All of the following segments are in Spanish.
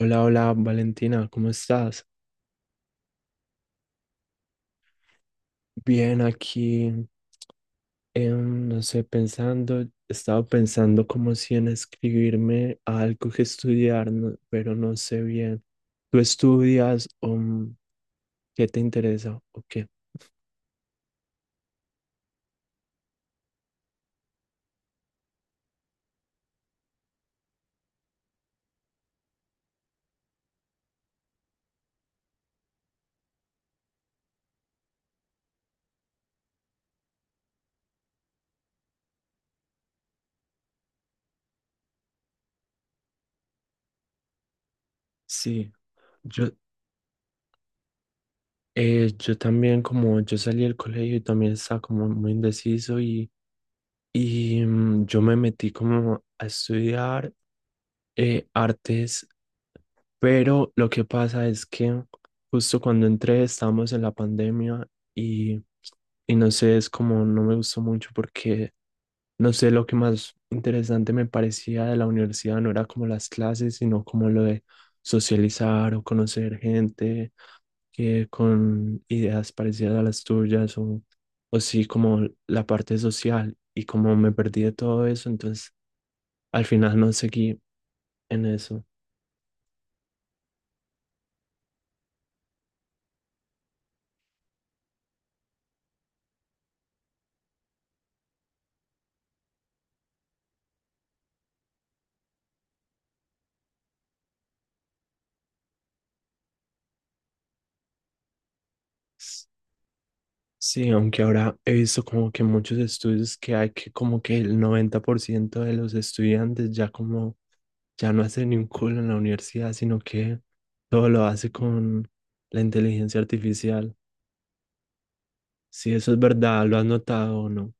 Hola, hola Valentina, ¿cómo estás? Bien, aquí, no sé, estaba pensando como si en escribirme a algo que estudiar, pero no sé bien. ¿Tú estudias o qué te interesa o qué? Sí, yo, yo también como yo salí del colegio y también estaba como muy indeciso y yo me metí como a estudiar artes. Pero lo que pasa es que justo cuando entré estábamos en la pandemia y, y no sé, es como no me gustó mucho porque no sé, lo que más interesante me parecía de la universidad no era como las clases, sino como lo de socializar o conocer gente que con ideas parecidas a las tuyas o sí como la parte social y como me perdí de todo eso, entonces al final no seguí en eso. Sí, aunque ahora he visto como que muchos estudios que hay que como que el 90% de los estudiantes ya como ya no hacen ni un culo en la universidad, sino que todo lo hace con la inteligencia artificial. Si eso es verdad, ¿lo has notado o no?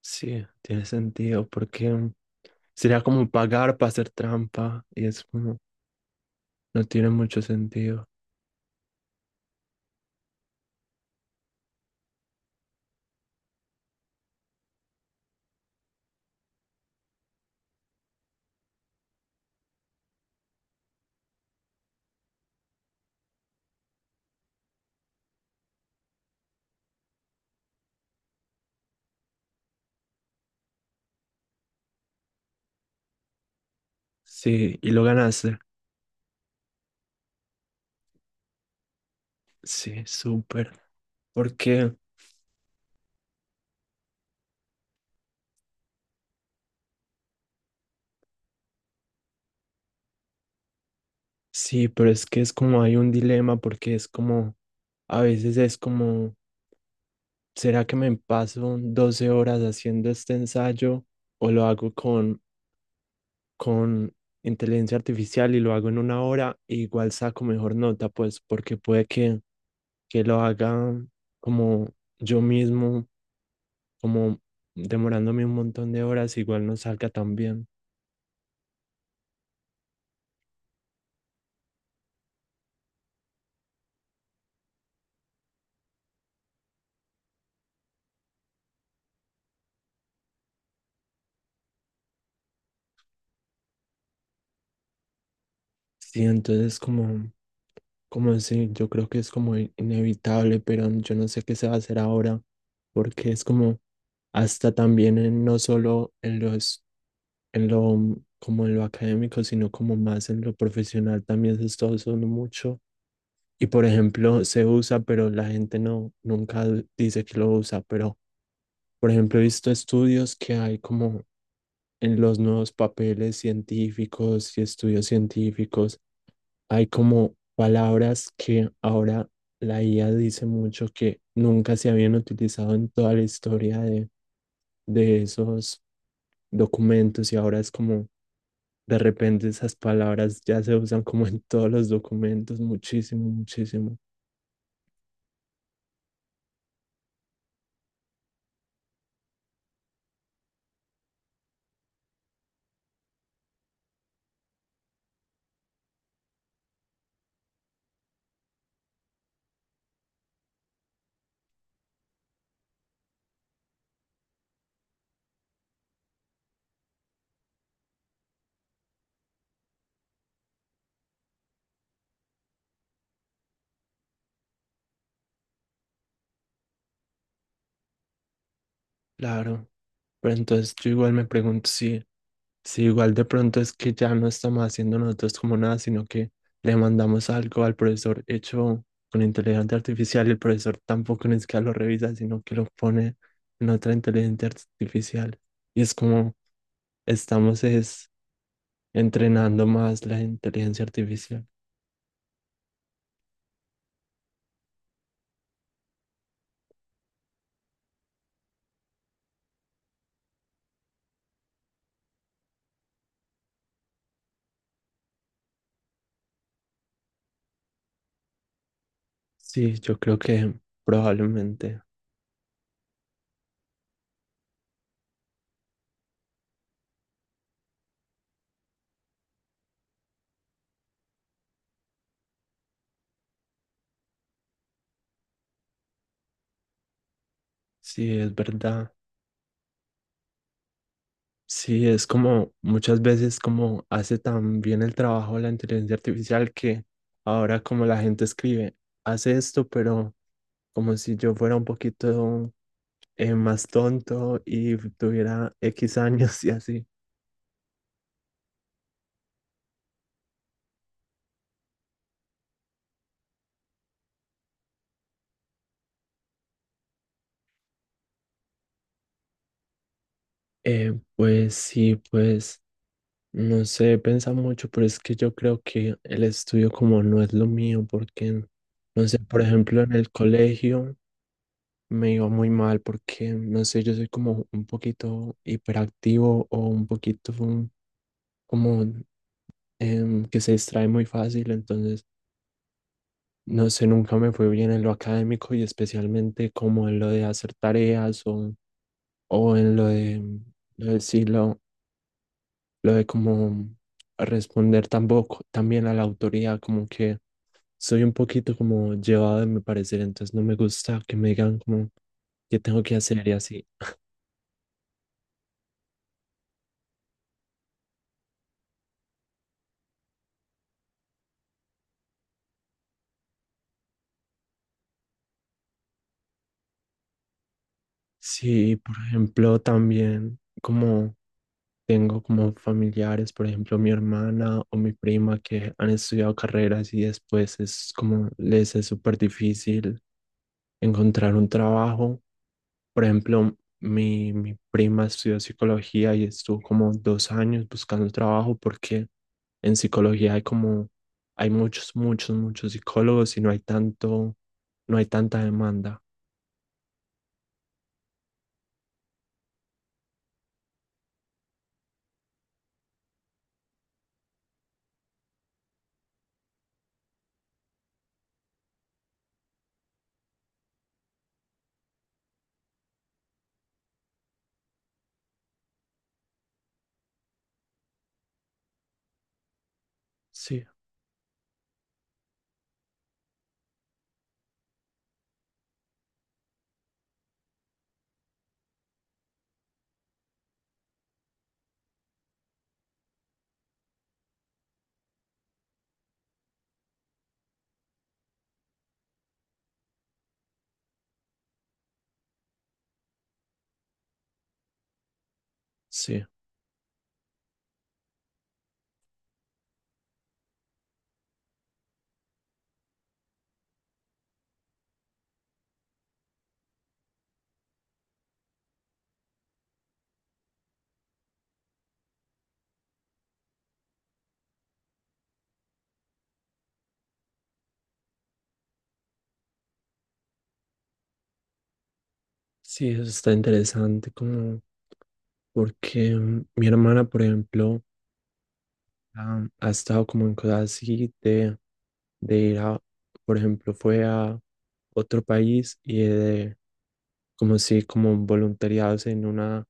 Sí, tiene sentido, porque sería como pagar para hacer trampa y es como, no tiene mucho sentido. Sí, y lo ganaste. Sí, súper. Porque sí, pero es que es como hay un dilema, porque es como a veces es como, ¿será que me paso 12 horas haciendo este ensayo o lo hago con inteligencia artificial y lo hago en una hora e igual saco mejor nota? Pues porque puede que lo haga como yo mismo, como demorándome un montón de horas, igual no salga tan bien. Sí, entonces como, como así, yo creo que es como inevitable, pero yo no sé qué se va a hacer ahora, porque es como hasta también no solo en los, en lo, como en lo académico, sino como más en lo profesional también se está usando mucho. Y por ejemplo, se usa, pero la gente no, nunca dice que lo usa, pero por ejemplo, he visto estudios que hay como en los nuevos papeles científicos y estudios científicos hay como palabras que ahora la IA dice mucho que nunca se habían utilizado en toda la historia de esos documentos y ahora es como de repente esas palabras ya se usan como en todos los documentos, muchísimo, muchísimo. Claro, pero entonces yo igual me pregunto si sí, igual de pronto es que ya no estamos haciendo nosotros como nada, sino que le mandamos algo al profesor hecho con inteligencia artificial y el profesor tampoco ni siquiera lo revisa, sino que lo pone en otra inteligencia artificial. Y es como estamos es entrenando más la inteligencia artificial. Sí, yo creo que probablemente, sí, es verdad. Sí, es como muchas veces como hace tan bien el trabajo la inteligencia artificial que ahora como la gente escribe, hace esto, pero como si yo fuera un poquito más tonto y tuviera X años y así. Pues sí, pues no sé, pensa mucho, pero es que yo creo que el estudio como no es lo mío, porque, no sé, por ejemplo, en el colegio. Me iba muy mal porque, no sé, yo soy como un poquito hiperactivo o un poquito como que se distrae muy fácil, entonces, no sé, nunca me fue bien en lo académico y especialmente como en lo de hacer tareas o en lo de, sí, lo de como responder tampoco, también a la autoridad, como que soy un poquito como llevado de mi parecer, entonces no me gusta que me digan como qué tengo que hacer y así. Sí, por ejemplo, también como tengo como familiares, por ejemplo, mi hermana o mi prima que han estudiado carreras y después es como les es súper difícil encontrar un trabajo. Por ejemplo, mi prima estudió psicología y estuvo como dos años buscando trabajo porque en psicología hay como, hay muchos, muchos, muchos psicólogos y no hay tanto, no hay tanta demanda. Sí, sí. Sí, eso está interesante, como porque mi hermana, por ejemplo, ha, ha estado como en cosas así de ir a, por ejemplo, fue a otro país y de, como si, como voluntariados en una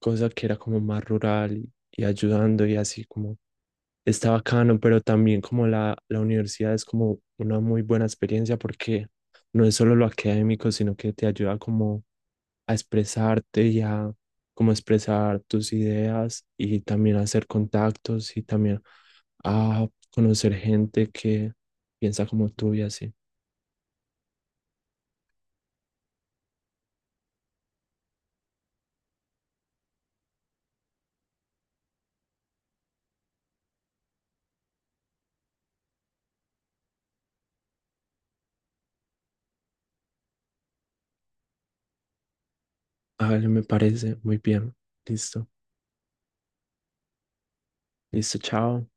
cosa que era como más rural y ayudando y así como está bacano, pero también como la universidad es como una muy buena experiencia porque no es solo lo académico, sino que te ayuda como a expresarte y a como expresar tus ideas y también hacer contactos y también a conocer gente que piensa como tú y así. A ver, me parece muy bien. Listo. Listo, chao.